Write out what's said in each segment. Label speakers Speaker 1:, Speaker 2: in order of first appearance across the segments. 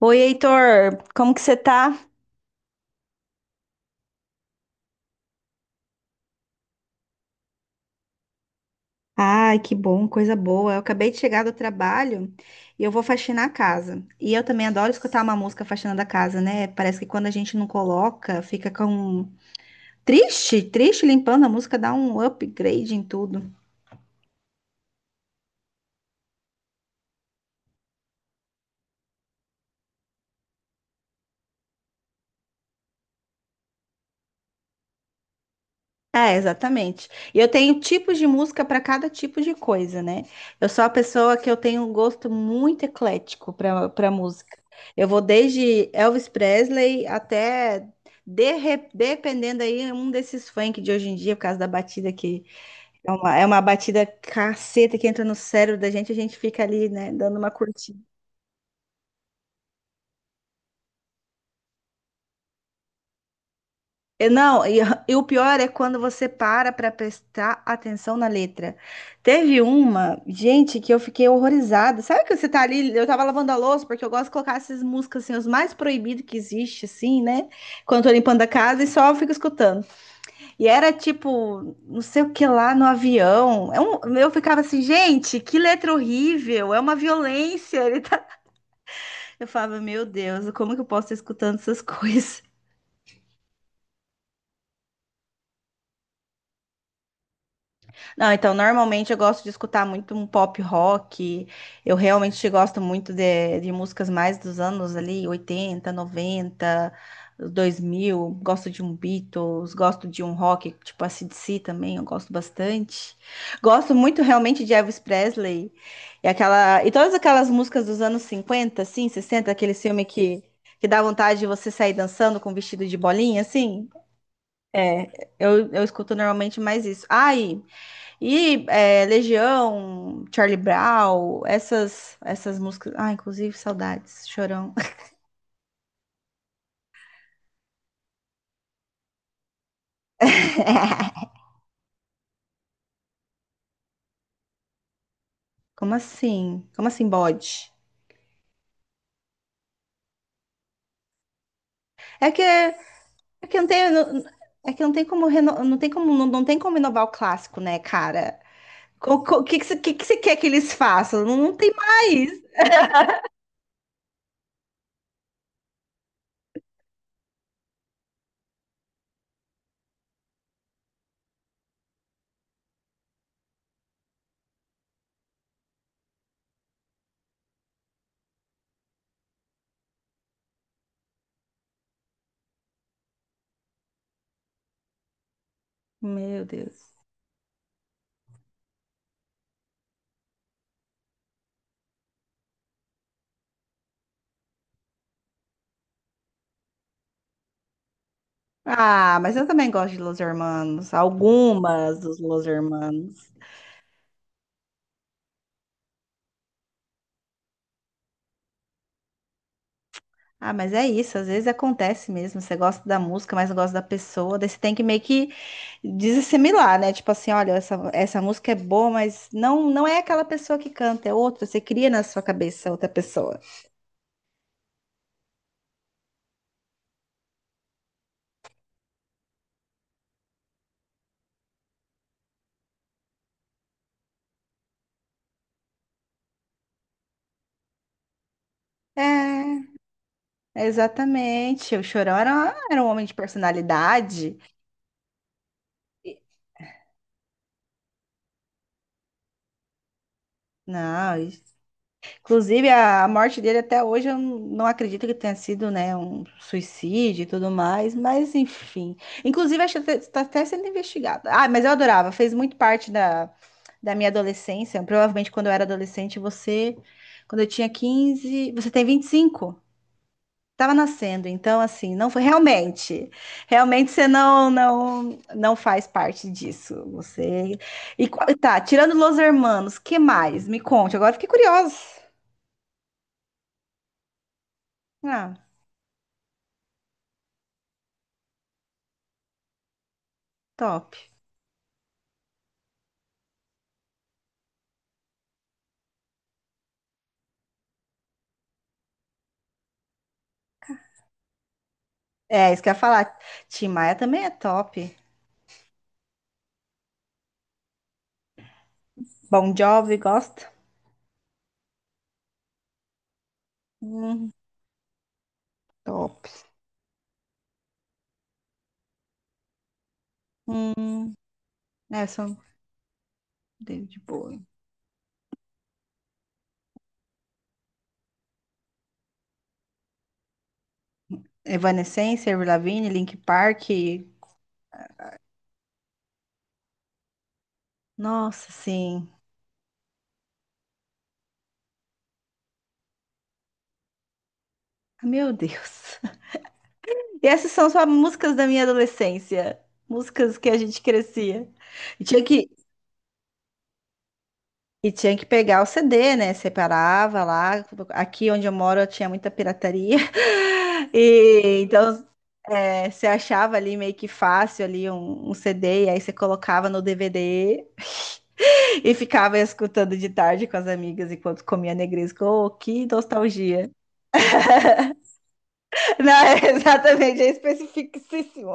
Speaker 1: Oi, Heitor, como que você tá? Ai, que bom, coisa boa. Eu acabei de chegar do trabalho e eu vou faxinar a casa. E eu também adoro escutar uma música faxinando a casa, né? Parece que quando a gente não coloca, fica com triste, limpando a música, dá um upgrade em tudo. É, exatamente. E eu tenho tipos de música para cada tipo de coisa, né? Eu sou a pessoa que eu tenho um gosto muito eclético para música. Eu vou desde Elvis Presley até dependendo aí um desses funk de hoje em dia, por causa da batida que é uma batida caceta que entra no cérebro da gente, a gente fica ali, né, dando uma curtida. É, não, e o pior é quando você para prestar atenção na letra. Teve uma, gente, que eu fiquei horrorizada. Sabe que você tá ali, eu tava lavando a louça, porque eu gosto de colocar essas músicas assim, os mais proibidos que existe, assim, né? Quando eu tô limpando a casa e só fico escutando. E era tipo, não sei o que lá no avião. Eu ficava assim, gente, que letra horrível, é uma violência. Ele tá... Eu falava, meu Deus, como que eu posso estar escutando essas coisas? Não, então normalmente eu gosto de escutar muito um pop rock. Eu realmente gosto muito de músicas mais dos anos ali, 80, 90, 2000. Gosto de um Beatles, gosto de um rock, tipo a AC/DC também, eu gosto bastante. Gosto muito realmente de Elvis Presley e todas aquelas músicas dos anos 50, assim, 60. Aquele filme que dá vontade de você sair dançando com um vestido de bolinha, assim. É, eu escuto normalmente mais isso. Ai, e é, Legião, Charlie Brown, essas músicas. Ah, inclusive, saudades, Chorão. Como assim? Como assim, bode? É que não tem. É que não tem como não tem como não tem como inovar o clássico, né, cara? O que que você quer que eles façam? Não tem mais. Meu Deus. Ah, mas eu também gosto de Los Hermanos, algumas dos Los Hermanos. Ah, mas é isso, às vezes acontece mesmo. Você gosta da música, mas não gosta da pessoa, daí você tem que meio que desassimilar, né? Tipo assim, olha, essa música é boa, mas não é aquela pessoa que canta, é outra. Você cria na sua cabeça outra pessoa. É, exatamente. O Chorão era um homem de personalidade. Não, inclusive, a morte dele até hoje eu não acredito que tenha sido, né, um suicídio e tudo mais, mas enfim. Inclusive, acho que está até sendo investigado. Ah, mas eu adorava, fez muito parte da minha adolescência. Provavelmente quando eu era adolescente, você, quando eu tinha 15, você tem 25? Tava nascendo, então assim, não foi realmente. Realmente você não faz parte disso. Você tirando Los Hermanos, que mais? Me conte, agora eu fiquei curiosa. Ah. Top. É, isso que eu ia falar. Tim Maia também é top. Bon Jovi, gosta? Hum, top. Hum, é, só David Bowie. Evanescence, Avril Lavigne, Linkin Park. Nossa, sim. Meu Deus. E essas são só músicas da minha adolescência. Músicas que a gente crescia. E tinha que, e tinha que pegar o CD, né? Separava lá. Aqui onde eu moro eu tinha muita pirataria. E então é, você achava ali meio que fácil ali um CD, e aí você colocava no DVD e ficava escutando de tarde com as amigas enquanto comia negresco. Oh, que nostalgia. Não, é exatamente, é especificíssimo.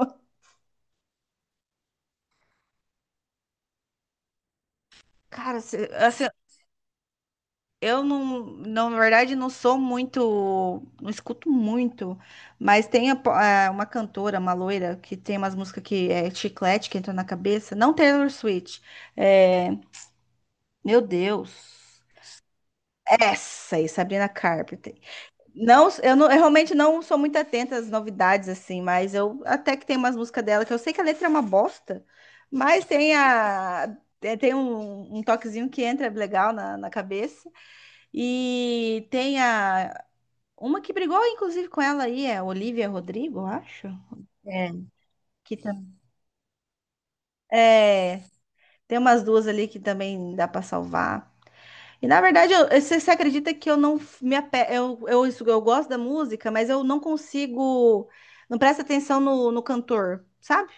Speaker 1: Cara, assim, eu não, não, na verdade, não sou muito, não escuto muito, mas é, uma cantora, uma loira, que tem umas músicas que é chiclete que entra na cabeça. Não Taylor Swift. É, meu Deus. Essa aí, Sabrina Carpenter. Não, eu realmente não sou muito atenta às novidades, assim, mas eu até que tem umas músicas dela, que eu sei que a letra é uma bosta, mas tem a. Tem um toquezinho que entra legal na cabeça. E tem a. Uma que brigou, inclusive, com ela aí, é Olivia Rodrigo, eu acho. É. Que tam- é, tem umas duas ali que também dá para salvar. E na verdade, você acredita que eu não f- me ape... eu, eu gosto da música, mas eu não consigo, não presta atenção no cantor, sabe?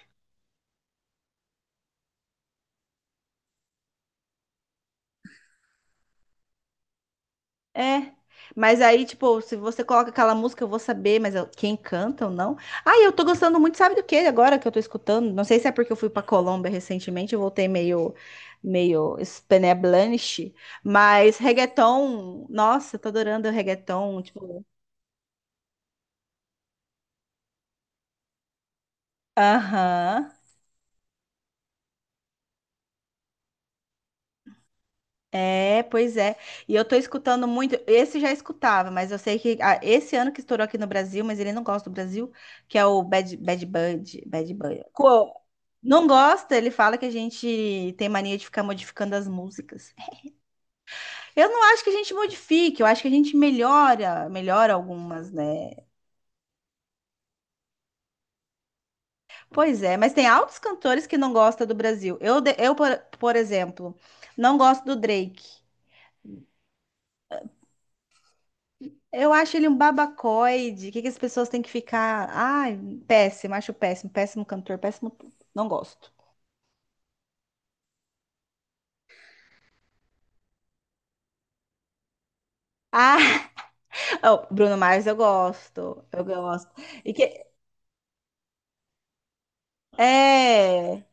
Speaker 1: É. Mas aí, tipo, se você coloca aquela música, eu vou saber, quem canta ou não. Ah, e eu tô gostando muito, sabe do que agora que eu tô escutando? Não sei se é porque eu fui pra Colômbia recentemente, eu voltei meio, meio Spanish, mas reggaeton, nossa, eu tô adorando o reggaeton, tipo, aham. É, pois é. E eu tô escutando muito. Esse já escutava, mas eu sei que ah, esse ano que estourou aqui no Brasil, mas ele não gosta do Brasil, que é o Bad Bud. Co- Não gosta, ele fala que a gente tem mania de ficar modificando as músicas. Eu não acho que a gente modifique, eu acho que a gente melhora, melhora algumas, né? Pois é, mas tem altos cantores que não gostam do Brasil. Eu, por exemplo, não gosto do Drake. Eu acho ele um babacoide. Que as pessoas têm que ficar? Ai, péssimo, acho péssimo, péssimo cantor, péssimo tudo. Não gosto. Ah, oh, Bruno Mars eu gosto, eu gosto. E que é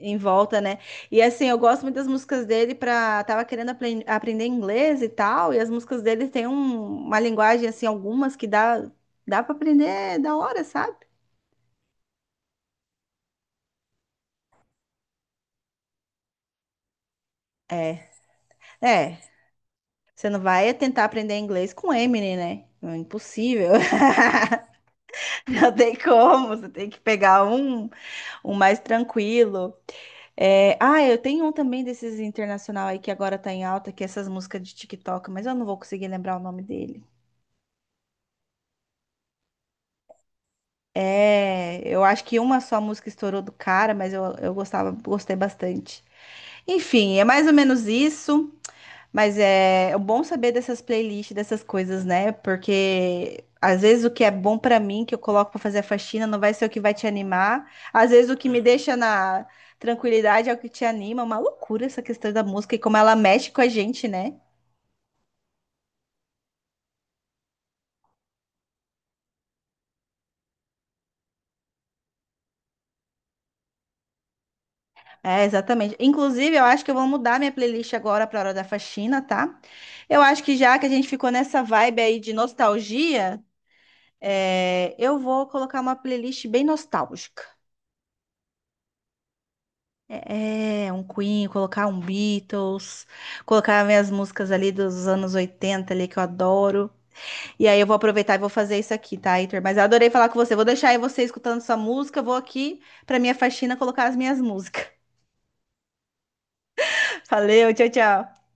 Speaker 1: em volta, né? E assim, eu gosto muito das músicas dele pra. Tava querendo aprender inglês e tal, e as músicas dele tem uma linguagem assim, algumas que dá para aprender da hora, sabe? É. É. Você não vai tentar aprender inglês com Eminem, né? É impossível. Não tem como, você tem que pegar um mais tranquilo. É, ah, eu tenho um também desses internacional aí que agora tá em alta, que é essas músicas de TikTok, mas eu não vou conseguir lembrar o nome dele. É, eu acho que uma só música estourou do cara, mas eu gostava, gostei bastante. Enfim, é mais ou menos isso. Mas é, é bom saber dessas playlists, dessas coisas, né? Porque às vezes o que é bom pra mim, que eu coloco pra fazer a faxina, não vai ser o que vai te animar. Às vezes o que me deixa na tranquilidade é o que te anima. É uma loucura essa questão da música e como ela mexe com a gente, né? É, exatamente. Inclusive, eu acho que eu vou mudar minha playlist agora pra hora da faxina, tá? Eu acho que já que a gente ficou nessa vibe aí de nostalgia, é, eu vou colocar uma playlist bem nostálgica. É, é, um Queen, colocar um Beatles, colocar minhas músicas ali dos anos 80 ali que eu adoro. E aí eu vou aproveitar e vou fazer isso aqui, tá, Heitor? Mas eu adorei falar com você. Vou deixar aí você escutando sua música, vou aqui pra minha faxina colocar as minhas músicas. Valeu, tchau, tchau.